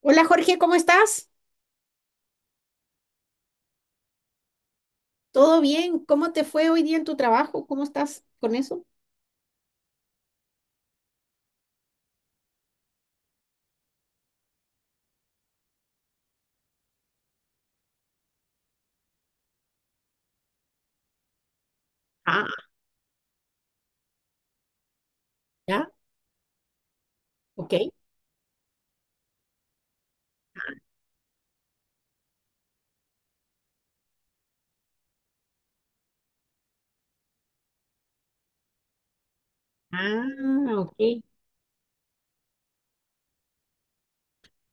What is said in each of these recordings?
Hola Jorge, ¿cómo estás? ¿Todo bien? ¿Cómo te fue hoy día en tu trabajo? ¿Cómo estás con eso? Ah, ya, ok. Ah, ok.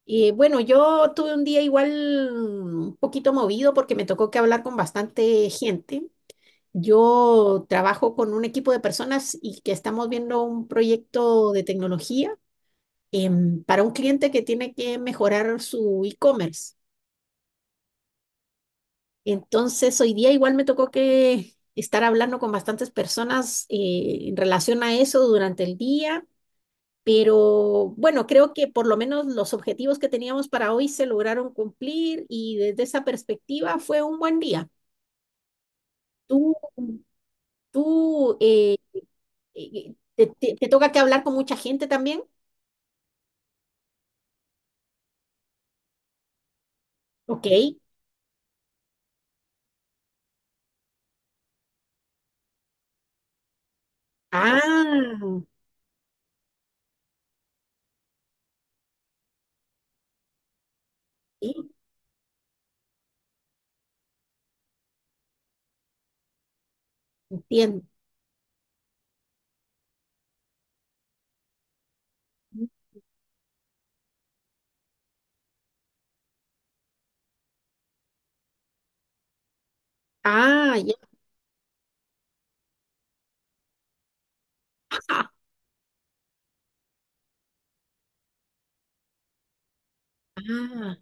Bueno, yo tuve un día igual un poquito movido porque me tocó que hablar con bastante gente. Yo trabajo con un equipo de personas y que estamos viendo un proyecto de tecnología para un cliente que tiene que mejorar su e-commerce. Entonces, hoy día igual me tocó que estar hablando con bastantes personas en relación a eso durante el día, pero bueno, creo que por lo menos los objetivos que teníamos para hoy se lograron cumplir y desde esa perspectiva fue un buen día. Tú, tú te toca que hablar con mucha gente también. Ok. Ah, sí, entiendo. Ah, ya. Ah,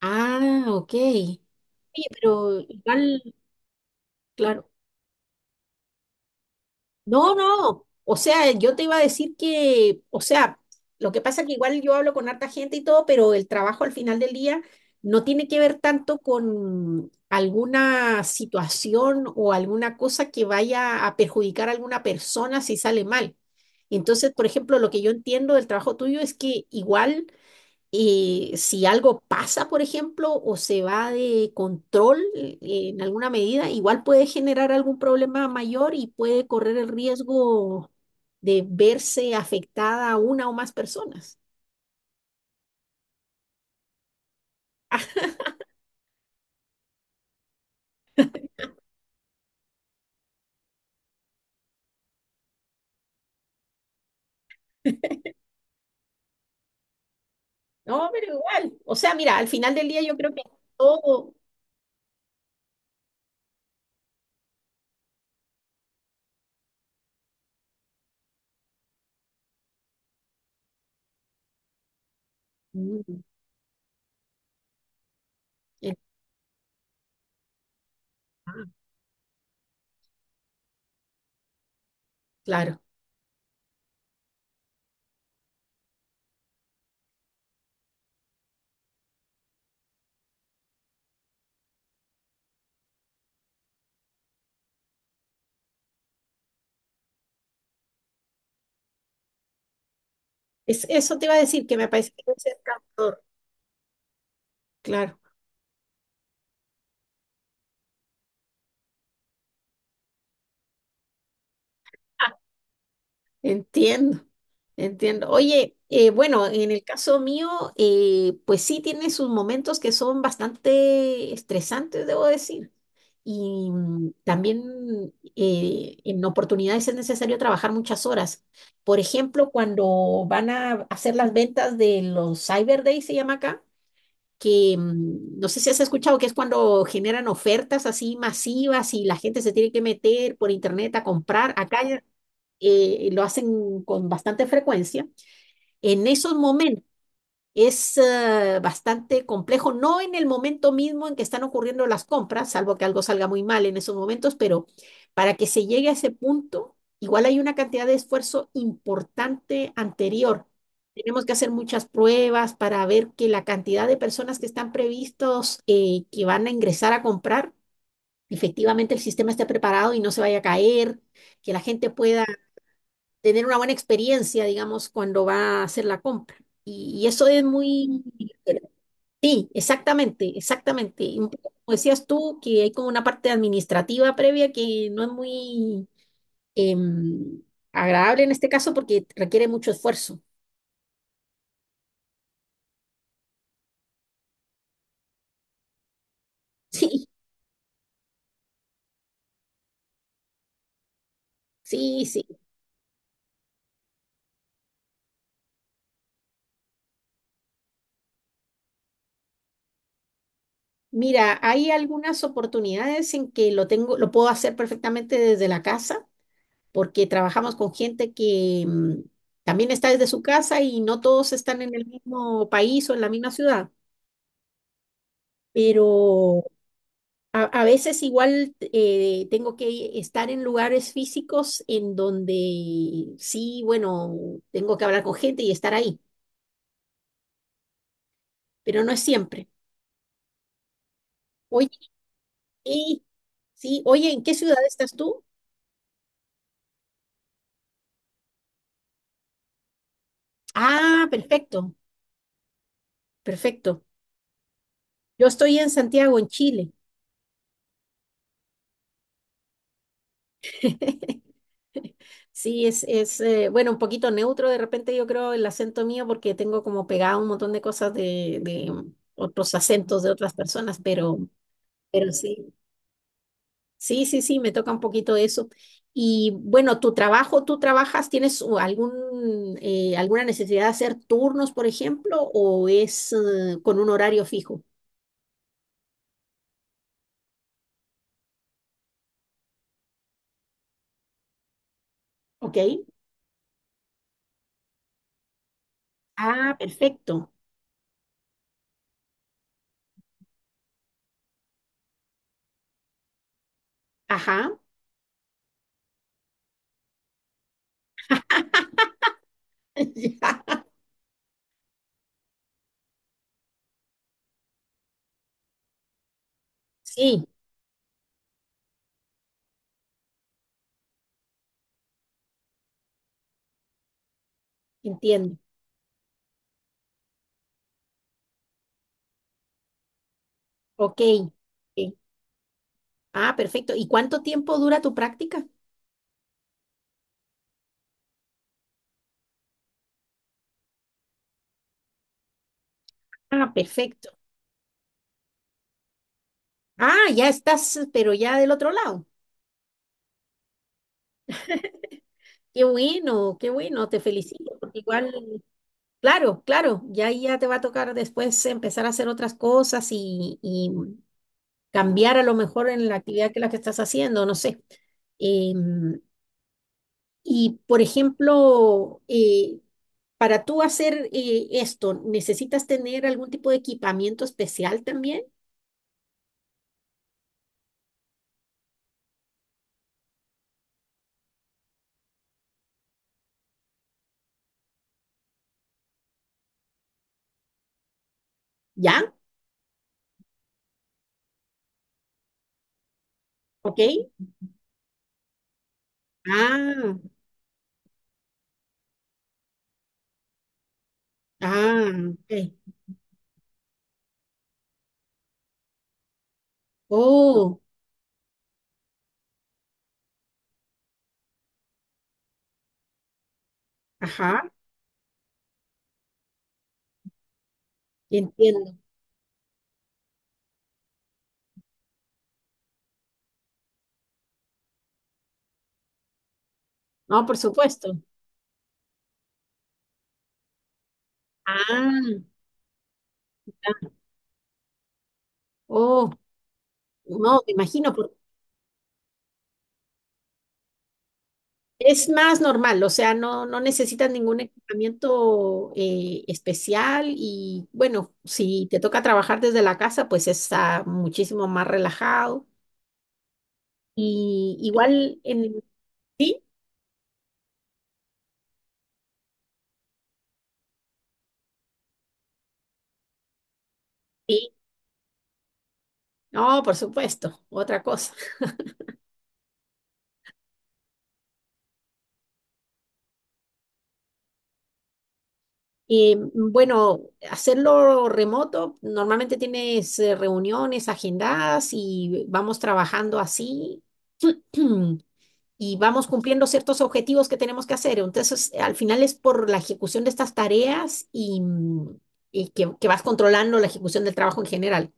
ah, ok. Oye, pero igual, claro. No, no. O sea, yo te iba a decir que, o sea, lo que pasa es que igual yo hablo con harta gente y todo, pero el trabajo al final del día no tiene que ver tanto con alguna situación o alguna cosa que vaya a perjudicar a alguna persona si sale mal. Entonces, por ejemplo, lo que yo entiendo del trabajo tuyo es que igual si algo pasa, por ejemplo, o se va de control en alguna medida, igual puede generar algún problema mayor y puede correr el riesgo de verse afectada una o más personas. No, pero igual. O sea, mira, al final del día yo creo que todo... Mm, eh, ah, claro. Eso te iba a decir, que me parece que es el factor. Claro. Entiendo, entiendo. Oye, bueno, en el caso mío, pues sí tiene sus momentos que son bastante estresantes, debo decir. Y también en oportunidades es necesario trabajar muchas horas. Por ejemplo, cuando van a hacer las ventas de los Cyber Days, se llama acá, que no sé si has escuchado que es cuando generan ofertas así masivas y la gente se tiene que meter por internet a comprar. Acá lo hacen con bastante frecuencia, en esos momentos es bastante complejo, no en el momento mismo en que están ocurriendo las compras, salvo que algo salga muy mal en esos momentos, pero para que se llegue a ese punto, igual hay una cantidad de esfuerzo importante anterior. Tenemos que hacer muchas pruebas para ver que la cantidad de personas que están previstos que van a ingresar a comprar, efectivamente el sistema esté preparado y no se vaya a caer, que la gente pueda tener una buena experiencia, digamos, cuando va a hacer la compra. Y eso es muy... Sí, exactamente, exactamente. Y un poco como decías tú, que hay como una parte administrativa previa que no es muy em, agradable en este caso porque requiere mucho esfuerzo. Sí, sí, sí. Mira, hay algunas oportunidades en que lo tengo, lo puedo hacer perfectamente desde la casa. Porque trabajamos con gente que también está desde su casa y no todos están en el mismo país o en la misma ciudad, pero a veces igual tengo que estar en lugares físicos en donde sí, bueno, tengo que hablar con gente y estar ahí, pero no es siempre. Oye, y- sí, oye, ¿en qué ciudad estás tú? Ah, perfecto, perfecto. Yo estoy en Santiago, en Chile. Sí, es bueno, un poquito neutro de repente yo creo el acento mío porque tengo como pegado un montón de cosas de otros acentos de otras personas, pero, sí, sí, sí, sí, me toca un poquito eso. Y bueno, tu trabajo, tú trabajas, ¿tienes alguna necesidad de hacer turnos, por ejemplo, o es con un horario fijo? ¿Ok? Ah, perfecto. Ajá. Ya. Sí, entiendo. Ok. Ok. Ah, perfecto. ¿Y cuánto tiempo dura tu práctica? Ah, perfecto. Ah, ya estás, pero ya del otro lado. Qué bueno, te felicito, porque igual, claro, claro, ya ahí ya te va a tocar después empezar a hacer otras cosas y cambiar a lo mejor en la actividad que la que estás haciendo, no sé. Em, y, por ejemplo, para tú hacer esto, ¿necesitas tener algún tipo de equipamiento especial también? ¿Ya? ¿Ok? Ah, ah, ok. Oh, ajá, entiendo. No, por supuesto. Ah, ya. Oh, no, me imagino. Es más normal, o sea, no, no necesitas ningún equipamiento especial y bueno, si te toca trabajar desde la casa, pues está muchísimo más relajado. Y igual en... Sí, sí, no, por supuesto, otra cosa. Bueno, hacerlo remoto, normalmente tienes reuniones agendadas y vamos trabajando así y vamos cumpliendo ciertos objetivos que tenemos que hacer. Entonces, al final es por la ejecución de estas tareas y que vas controlando la ejecución del trabajo en general.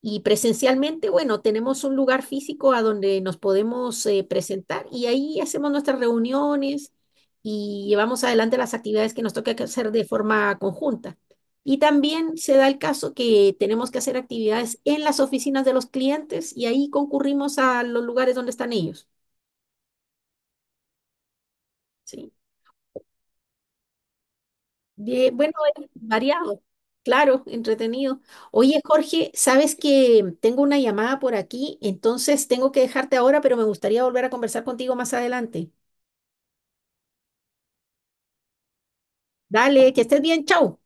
Y presencialmente, bueno, tenemos un lugar físico a donde nos podemos presentar y ahí hacemos nuestras reuniones y llevamos adelante las actividades que nos toca que hacer de forma conjunta. Y también se da el caso que tenemos que hacer actividades en las oficinas de los clientes y ahí concurrimos a los lugares donde están ellos. ¿Sí? Bien, bueno, es variado, claro, entretenido. Oye, Jorge, sabes que tengo una llamada por aquí, entonces tengo que dejarte ahora, pero me gustaría volver a conversar contigo más adelante. Dale, que estés bien, chao.